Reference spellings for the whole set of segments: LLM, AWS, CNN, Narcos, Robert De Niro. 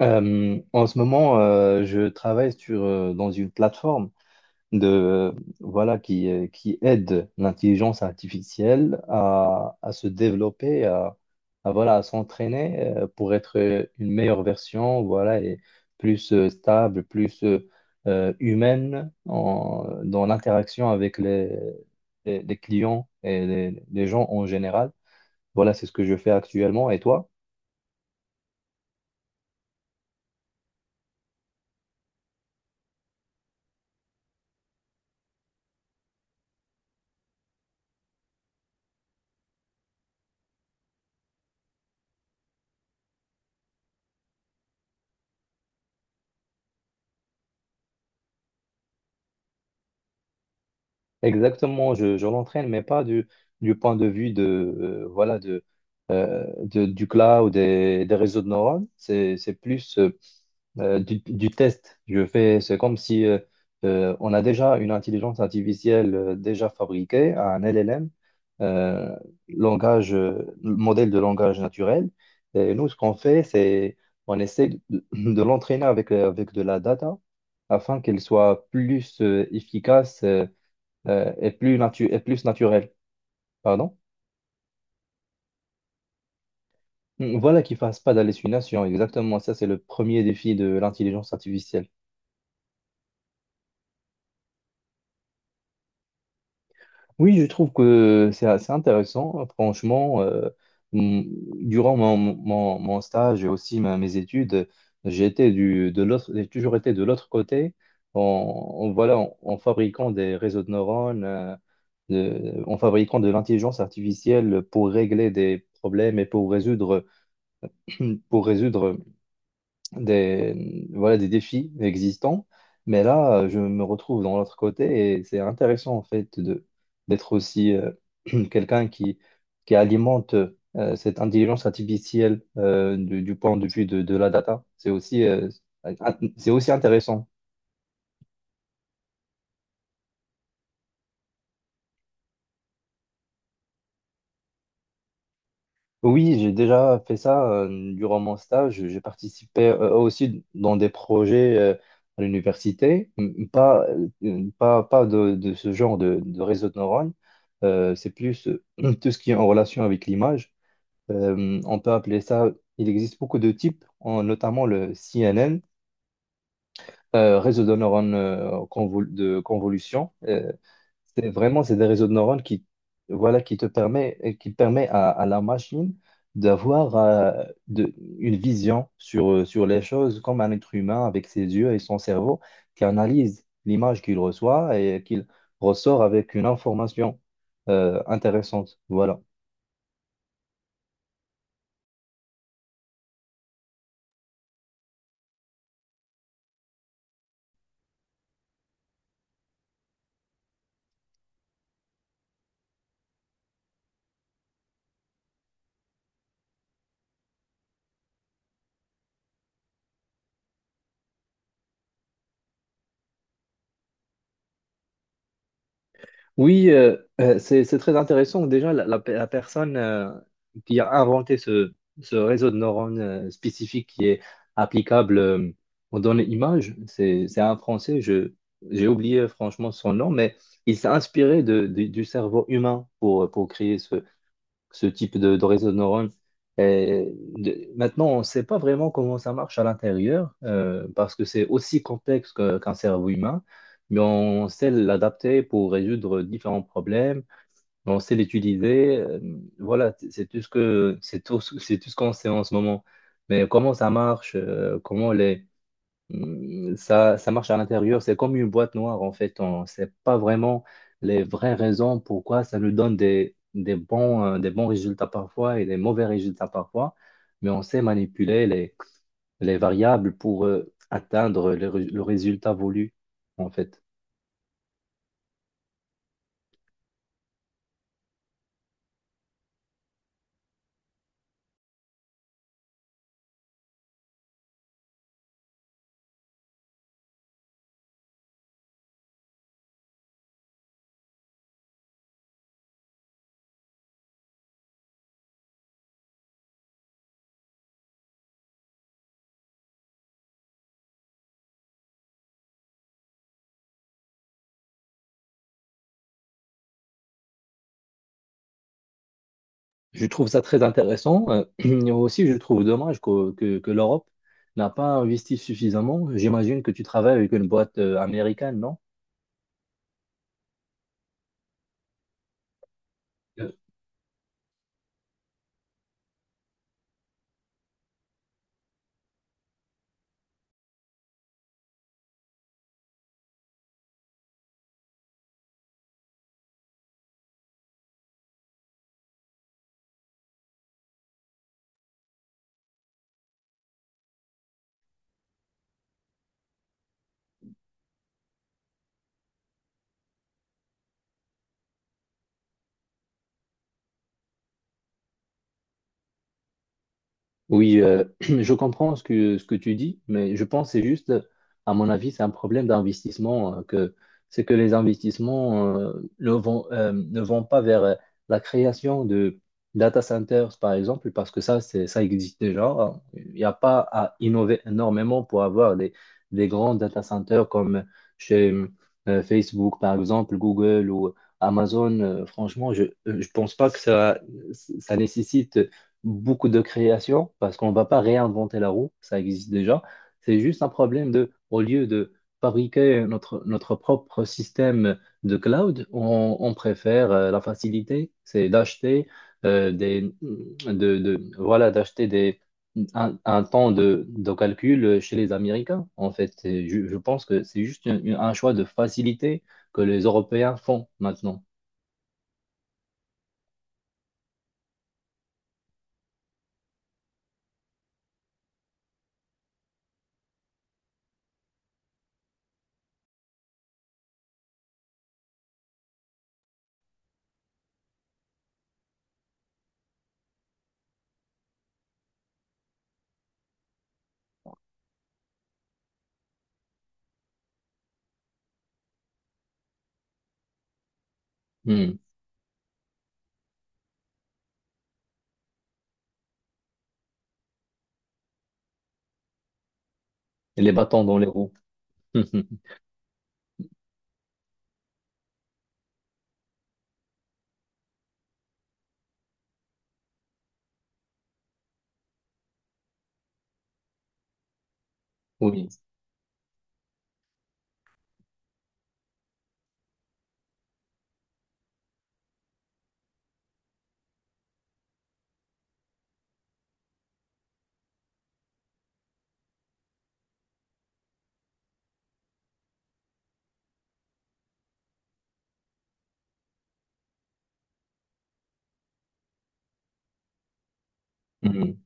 En ce moment, je travaille sur, dans une plateforme de, voilà, qui aide l'intelligence artificielle à se développer, à, voilà, à s'entraîner pour être une meilleure version, voilà, et plus stable, plus humaine dans l'interaction avec les clients et les gens en général. Voilà, c'est ce que je fais actuellement. Et toi? Exactement, je l'entraîne, mais pas du point de vue de, voilà, de, du cloud et des réseaux de neurones. C'est plus du test. Je fais, c'est comme si on a déjà une intelligence artificielle déjà fabriquée, un LLM, euh, langage, modèle de langage naturel. Et nous, ce qu'on fait, c'est on essaie de l'entraîner avec, avec de la data afin qu'elle soit plus efficace et et plus naturel. Pardon? Mm, voilà, qui fasse pas d'hallucinations. Exactement, ça c'est le premier défi de l'intelligence artificielle. Oui, je trouve que c'est assez intéressant. Franchement, mm, durant mon stage et aussi mes études, j'ai été de l'autre, j'ai toujours été de l'autre côté voilà, en fabriquant des réseaux de neurones, en fabriquant de l'intelligence artificielle pour régler des problèmes et pour résoudre, pour résoudre des, voilà, des défis existants. Mais là, je me retrouve dans l'autre côté et c'est intéressant en fait de d'être aussi quelqu'un qui alimente cette intelligence artificielle du point de vue de la data. C'est aussi, c'est aussi intéressant. Oui, j'ai déjà fait ça durant mon stage. J'ai participé aussi dans des projets à l'université. Pas de ce genre de réseau de neurones. C'est plus tout ce qui est en relation avec l'image. On peut appeler ça, il existe beaucoup de types, notamment le CNN, réseau de neurones de convolution. C'est des réseaux de neurones qui voilà qui te permet et qui permet à la machine d'avoir une vision sur sur les choses comme un être humain avec ses yeux et son cerveau qui analyse l'image qu'il reçoit et qu'il ressort avec une information intéressante. Voilà. Oui, c'est très intéressant. Déjà, la personne qui a inventé ce réseau de neurones spécifique qui est applicable aux données images, c'est un Français, j'ai oublié franchement son nom, mais il s'est inspiré du cerveau humain pour créer ce type de réseau de neurones. Et maintenant, on ne sait pas vraiment comment ça marche à l'intérieur, parce que c'est aussi complexe qu'un cerveau humain, mais on sait l'adapter pour résoudre différents problèmes, on sait l'utiliser. Voilà, c'est tout ce qu'on sait en ce moment. Mais comment ça marche, comment les, mm, ça marche à l'intérieur, c'est comme une boîte noire en fait. On ne sait pas vraiment les vraies raisons pourquoi ça nous donne des bons résultats parfois et des mauvais résultats parfois, mais on sait manipuler les variables pour atteindre le résultat voulu en fait. Je trouve ça très intéressant. Et aussi, je trouve dommage que, que l'Europe n'a pas investi suffisamment. J'imagine que tu travailles avec une boîte américaine, non? Oui, je comprends ce que tu dis, mais je pense que c'est juste, à mon avis, c'est un problème d'investissement, que c'est que les investissements ne vont, ne vont pas vers la création de data centers, par exemple, parce que ça, c'est, ça existe déjà. Il n'y a pas à innover énormément pour avoir des grands data centers comme chez Facebook, par exemple, Google ou Amazon. Franchement, je ne pense pas que ça nécessite beaucoup de création parce qu'on ne va pas réinventer la roue, ça existe déjà. C'est juste un problème de, au lieu de fabriquer notre, notre propre système de cloud, on préfère la facilité, c'est d'acheter euh, des, de, voilà, d'acheter des, un temps de calcul chez les Américains. En fait, pense que c'est juste un choix de facilité que les Européens font maintenant. Hmm. Et les bâtons dans les roues. Oui. Hmm.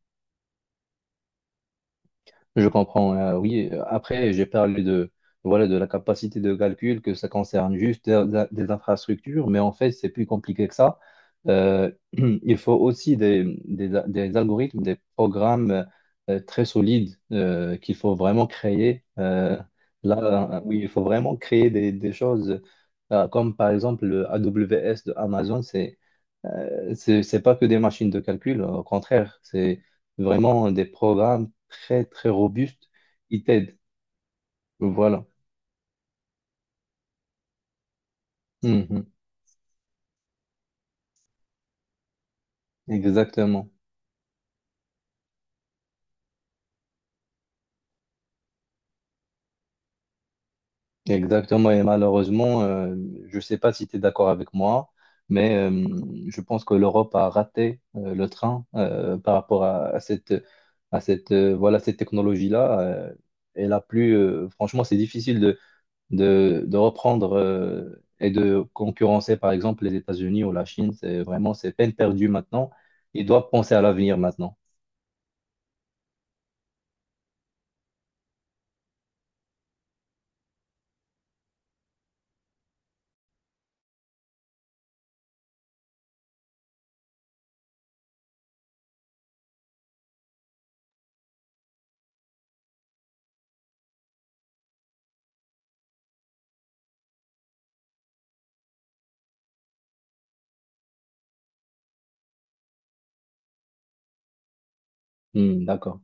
Je comprends, oui. Après, j'ai parlé de, voilà, de la capacité de calcul, que ça concerne juste des infrastructures, mais en fait, c'est plus compliqué que ça. Il faut aussi des, des algorithmes, des programmes très solides qu'il faut vraiment créer. Oui, il faut vraiment créer des choses comme par exemple le AWS de Amazon. C'est pas que des machines de calcul, au contraire, c'est vraiment des programmes très, très robustes qui t'aident. Voilà. Mhm. Exactement. Exactement. Et malheureusement, je ne sais pas si tu es d'accord avec moi, mais je pense que l'Europe a raté le train par rapport à cette, voilà, cette technologie-là. Franchement, c'est difficile de reprendre et de concurrencer par exemple les États-Unis ou la Chine, c'est peine perdue maintenant. Ils doivent penser à l'avenir maintenant. Hmm, d'accord.